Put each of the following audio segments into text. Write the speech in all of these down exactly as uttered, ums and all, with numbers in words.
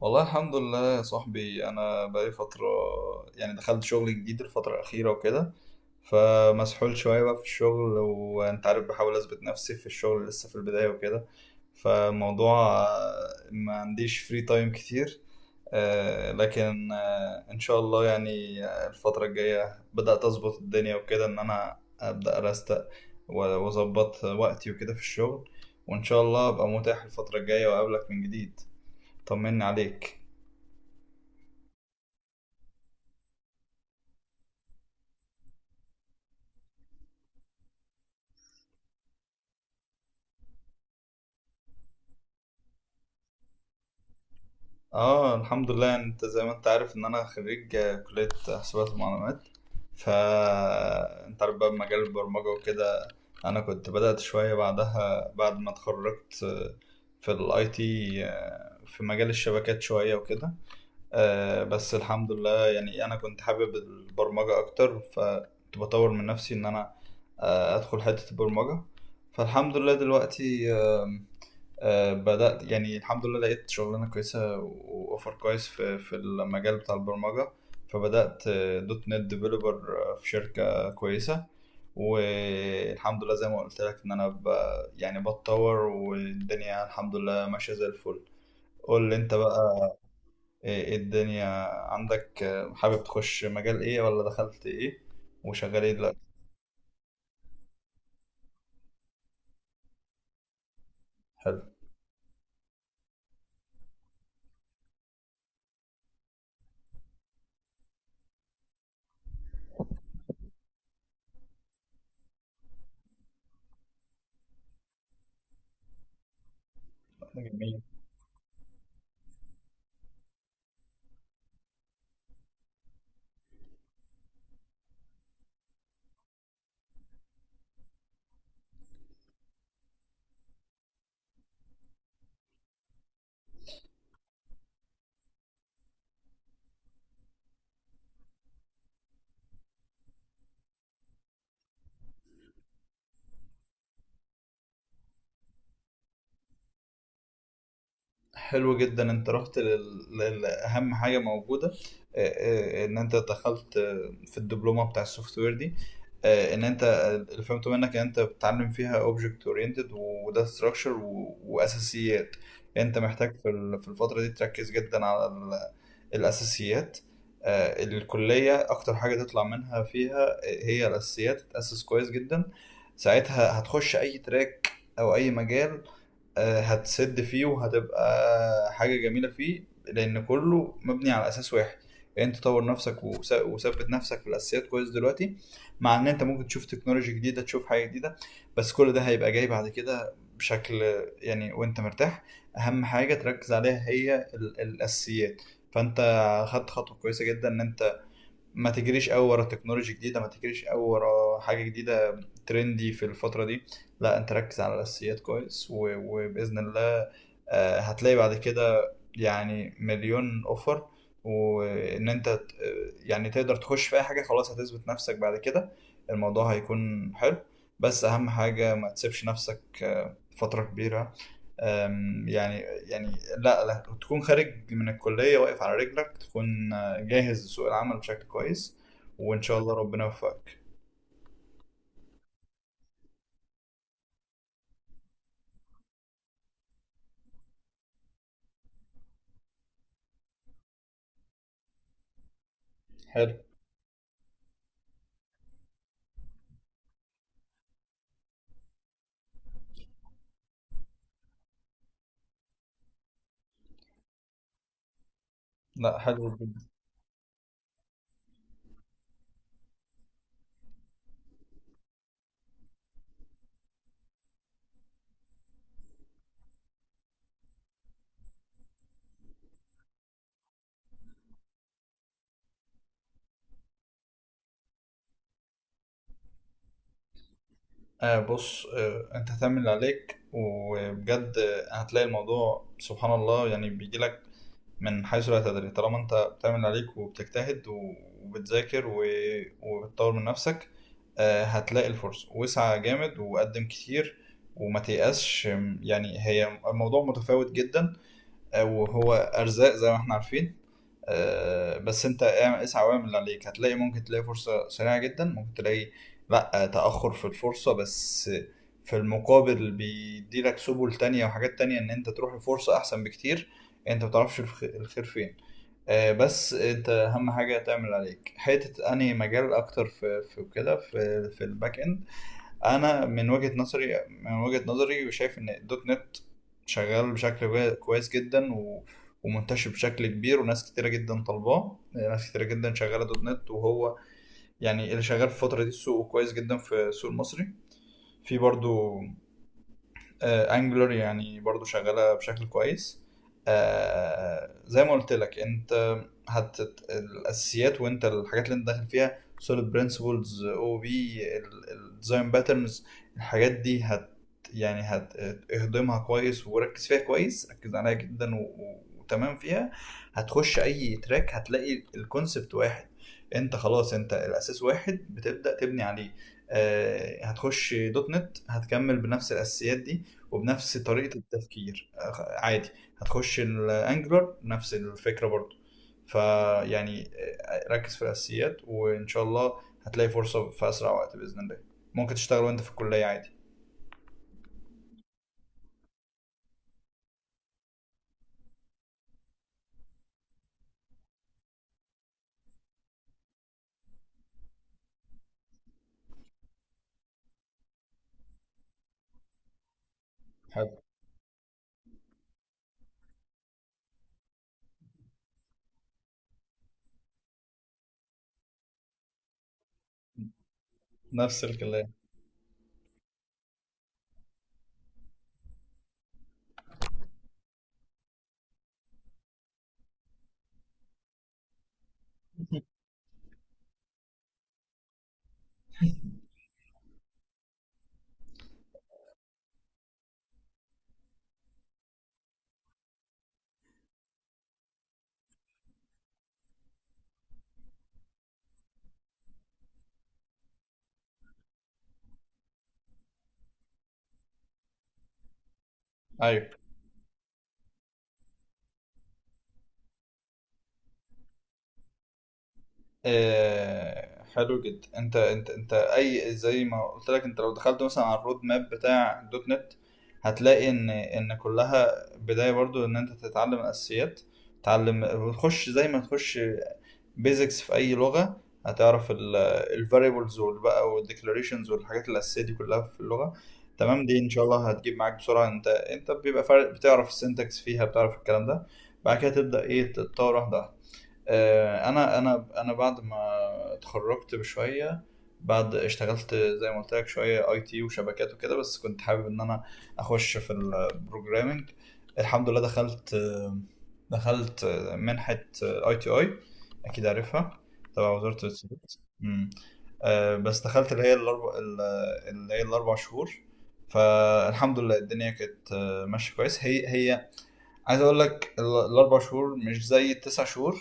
والله الحمد لله يا صاحبي، انا بقالي فتره. يعني دخلت شغل جديد الفتره الاخيره وكده. فمسحول شويه بقى في الشغل، وانت عارف بحاول اثبت نفسي في الشغل لسه في البدايه وكده. فموضوع آه، ما عنديش فري تايم كتير. آه، لكن آه، ان شاء الله يعني آه، الفتره الجايه بدات اظبط الدنيا وكده، ان انا ابدا ارستق و- واظبط وقتي وكده في الشغل. وان شاء الله ابقى متاح الفتره الجايه واقابلك من جديد. طمني عليك. اه الحمد لله، انت زي ما انت عارف ان انا خريج آه، كلية حسابات ومعلومات. ف انت عارف بقى مجال البرمجة وكده. انا كنت بدأت شوية بعدها بعد ما اتخرجت، آه، في الاي تي، في مجال الشبكات شوية وكده. آه، بس الحمد لله يعني انا كنت حابب البرمجة اكتر، فكنت بطور من نفسي ان انا آه، ادخل حتة البرمجة. فالحمد لله دلوقتي آه، بدأت، يعني الحمد لله لقيت شغلانة كويسة وأوفر كويس في في المجال بتاع البرمجة. فبدأت آه، دوت نت ديفلوبر في شركة كويسة. والحمد لله زي ما قلت لك إن أنا ب... يعني بتطور، والدنيا الحمد لله ماشية زي الفل. قول لي أنت بقى، إيه إيه الدنيا عندك. آه، حابب تخش مجال إيه، ولا دخلت إيه وشغال إيه دلوقتي؟ حلو جميل. حلو جدا، انت رحت لل- لل- لاهم حاجه موجوده. آه، آه، ان انت دخلت آه، في الدبلومه بتاع السوفت وير دي. آه، ان انت اللي فهمته منك ان انت بتتعلم فيها اوبجكت اورينتد وداتا ستراكشر واساسيات. انت محتاج في ال- في الفتره دي تركز جدا على ال- الاساسيات. آه، الكليه اكتر حاجه تطلع منها فيها آه، هي الاساسيات، تتاسس كويس جدا. ساعتها هتخش اي تراك او اي مجال آه، هتسد فيه وهتبقى حاجة جميلة فيه، لأن كله مبني على أساس واحد. يعني أنت تطور نفسك وس- وثبت نفسك في الأساسيات كويس دلوقتي. مع إن أنت ممكن تشوف تكنولوجي جديدة، تشوف حاجة جديدة، بس كل ده هيبقى جاي بعد كده بشكل يعني وأنت مرتاح. أهم حاجة تركز عليها هي ال- الأساسيات. فأنت خدت خطوة كويسة جدا إن أنت ما تجريش قوي ورا تكنولوجيا جديدة، ما تجريش قوي ورا حاجة جديدة ترندي في الفترة دي. لا، انت ركز على الأساسيات كويس و... وبإذن الله آه، هتلاقي بعد كده يعني مليون اوفر. وان انت ت- يعني تقدر تخش في اي حاجة، خلاص هتثبت نفسك بعد كده، الموضوع هيكون حلو. بس اهم حاجة ما تسيبش نفسك آه، فترة كبيرة. يعني يعني لا، لا تكون خارج من الكلية واقف على رجلك، تكون جاهز لسوق العمل بشكل كويس. وإن شاء الله ربنا يوفقك. حلو. لا حلو جدا. آه بص، آه انت هتعمل اللي عليك وبجد آه، هتلاقي الموضوع سبحان الله يعني بيجيلك من حيث لا تدري، طالما انت بتعمل اللي عليك وبتجتهد و- وبتذاكر و- وبتطور من نفسك. آه، هتلاقي الفرصة، واسعى جامد وقدم كتير. وما تيأسش م- يعني هي الموضوع متفاوت جدا آه، وهو أرزاق زي ما احنا عارفين. آه، بس انت اعمل- اسعى واعمل اللي عليك، هتلاقي ممكن تلاقي فرصة سريعة جدا، ممكن تلاقي لأ تأخر في الفرصة، بس في المقابل بيديلك سبل تانية وحاجات تانية ان انت تروح لفرصة احسن بكتير. انت متعرفش الخ- الخير فين. آه، بس انت اهم حاجه تعمل عليك حته انهي مجال اكتر في في كده في في الباك اند. انا من وجهه نظري من وجهه نظري شايف ان الدوت نت شغال بشكل كوي- كويس جدا، و ومنتشر بشكل كبير، وناس كتيرة جدا طالباه، ناس كتيرة جدا شغالة دوت نت. وهو يعني اللي شغال في الفترة دي السوق كويس جدا، في السوق المصري. في برضو انجلر يعني برضو شغالة بشكل كويس. آه، زي ما قلت لك، انت هت الاساسيات وانت الحاجات اللي انت داخل فيها، سوليد برنسبلز او بي الديزاين باترنز، الحاجات دي هت يعني هتهضمها كويس، وركز فيها كويس، ركز عليها جدا و- و- وتمام فيها. هتخش اي تراك هتلاقي الكونسبت واحد، انت خلاص انت الاساس واحد بتبدأ تبني عليه. آه، هتخش دوت نت، هتكمل بنفس الاساسيات دي وبنفس طريقة التفكير أخ- عادي. هتخش الانجلر نفس الفكرة برضو. فيعني آه، ركز في الأساسيات، وإن شاء الله هتلاقي فرصة في أسرع وقت بإذن الله. ممكن تشتغل وأنت في الكلية عادي. حلو. نفس الكلية. أيوة. آه حلو جدا، أنت أنت أنت أي زي ما قلت لك، أنت لو دخلت مثلا على الرود ماب بتاع دوت نت هتلاقي إن إن كلها بداية برضو إن أنت تتعلم الأساسيات. تعلم، تخش زي ما تخش بيزكس في اي لغه، هتعرف الفاريبلز بقى والديكلاريشنز والحاجات الاساسيه دي كلها في اللغه. تمام، دي ان شاء الله هتجيب معاك بسرعه. انت انت بيبقى فرق بتعرف السنتكس فيها، بتعرف الكلام ده. بعد كده تبدا ايه تتطور واحده واحده. آه، انا انا انا بعد ما اتخرجت بشويه، بعد اشتغلت زي ما قلت لك شويه اي تي وشبكات وكده، بس كنت حابب ان انا اخش في البروجرامنج. الحمد لله دخلت آه، دخلت آه، منحه اي تي آي، اكيد عارفها، تبع وزاره الاتصالات. أمم. آه، بس دخلت اللي هي الاربع اللي هي الاربع شهور. فالحمد لله الدنيا كانت آه، ماشيه كويس. هي هي عايز اقول لك ال- الاربع شهور مش زي التسع شهور.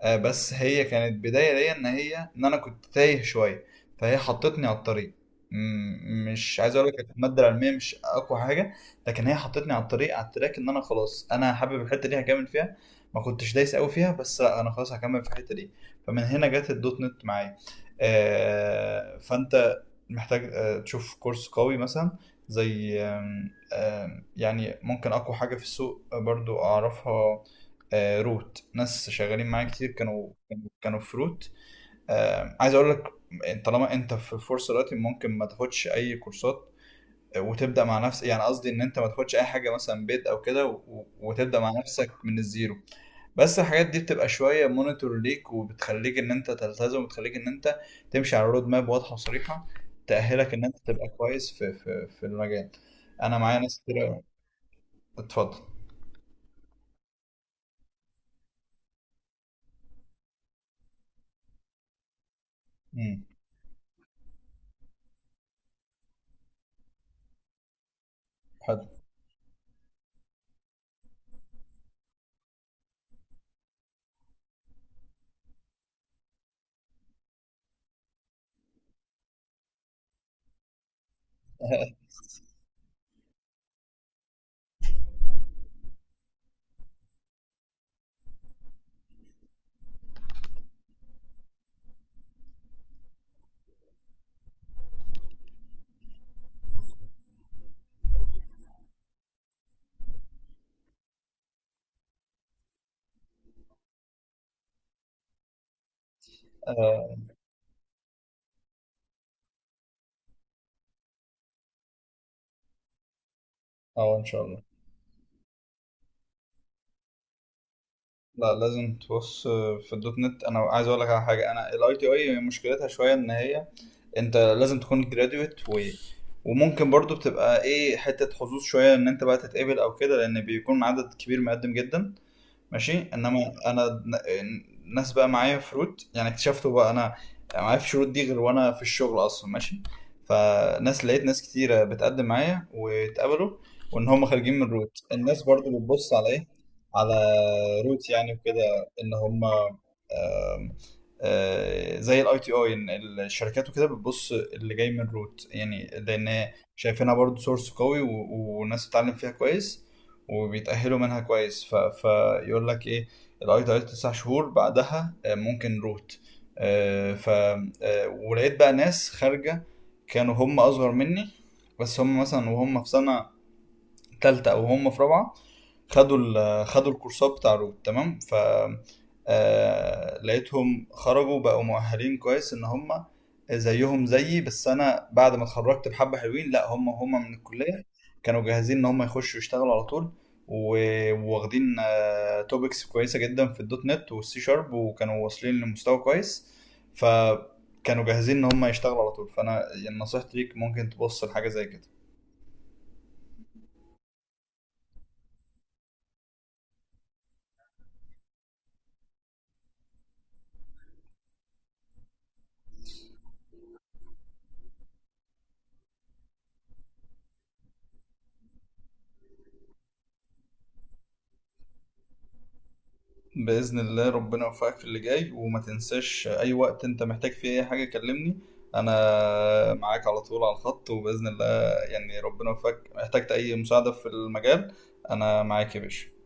آه، بس هي كانت بداية ليا، ان هي ان انا كنت تايه شوية، فهي حطتني على الطريق. م- مش عايز اقول لك كانت المادة العلمية مش اقوى حاجة، لكن هي حطتني على الطريق، على التراك، ان انا خلاص انا حابب الحتة دي هكمل فيها. ما كنتش دايس قوي فيها، بس لا انا خلاص هكمل في الحتة دي. فمن هنا جت الدوت نت معايا. آه، فانت محتاج آه، تشوف كورس قوي مثلا، زي آم، آم، يعني ممكن اقوى حاجة في السوق برضو اعرفها آه، روت. ناس شغالين معايا كتير كانوا كانوا- كانوا في روت. آه، عايز اقول لك، طالما انت في فرصه دلوقتي ممكن ما تاخدش اي كورسات، آه، وتبدا مع نفسك. يعني قصدي ان انت ما تاخدش اي حاجه مثلا بيد او كده و- و- وتبدا مع نفسك من الزيرو. بس الحاجات دي بتبقى شويه مونيتور ليك، وبتخليك ان انت تلتزم، وبتخليك ان انت تمشي على رود ماب واضحه وصريحه، تاهلك ان انت تبقى كويس في في في المجال. انا معايا ناس كتير أوي. اتفضل. امم. حلو. اه، ان شاء الله. لا لازم تبص. في الدوت نت انا عايز اقول لك على حاجه، انا الاي تي اي مشكلتها شويه، ان هي انت لازم تكون جراديويت، و... وممكن برضو بتبقى ايه حته حظوظ شويه ان انت بقى تتقبل او كده، لان بيكون عدد كبير مقدم جدا، ماشي. انما انا ن- الناس بقى معايا فروت يعني اكتشفته بقى انا، معايا في الشروط دي غير، وانا في الشغل اصلا ماشي. فناس، لقيت ناس كتيرة بتقدم معايا واتقبلوا، وان هم خارجين من روت. الناس برضو بتبص على ايه؟ على روت يعني وكده، ان هم آم، آه، زي الاي تي اي. ان الشركات وكده بتبص اللي جاي من روت، يعني لان شايفينها برضو سورس قوي، و- والناس بتتعلم فيها كويس وبيتأهلوا منها كويس. ف... فيقول لك ايه، الاي دايت تسع شهور بعدها آه، ممكن روت. آه، ف آه، ولقيت بقى ناس خارجة كانوا هم أصغر مني، بس هم مثلا وهم في سنة تالتة او هم في رابعة خدوا ال- خدوا الكورسات بتاع روت. تمام. ف آه، لقيتهم خرجوا بقوا مؤهلين كويس، ان هم زيهم زيي بس انا بعد ما اتخرجت بحبة حلوين. لا هم هم من الكلية كانوا جاهزين ان هم يخشوا يشتغلوا على طول، و- وواخدين توبكس كويسة جدا في الدوت نت والسي شارب، وكانوا واصلين لمستوى كويس. فكانوا جاهزين ان هم يشتغلوا على طول. فانا يعني نصيحتي ليك ممكن تبص لحاجة زي كده. بإذن الله ربنا يوفقك في اللي جاي، وما تنساش أي وقت أنت محتاج فيه أي حاجة كلمني. أنا معاك على طول على الخط، وبإذن الله يعني ربنا يوفقك احتجت أي مساعدة في المجال. أنا معاك يا باشا.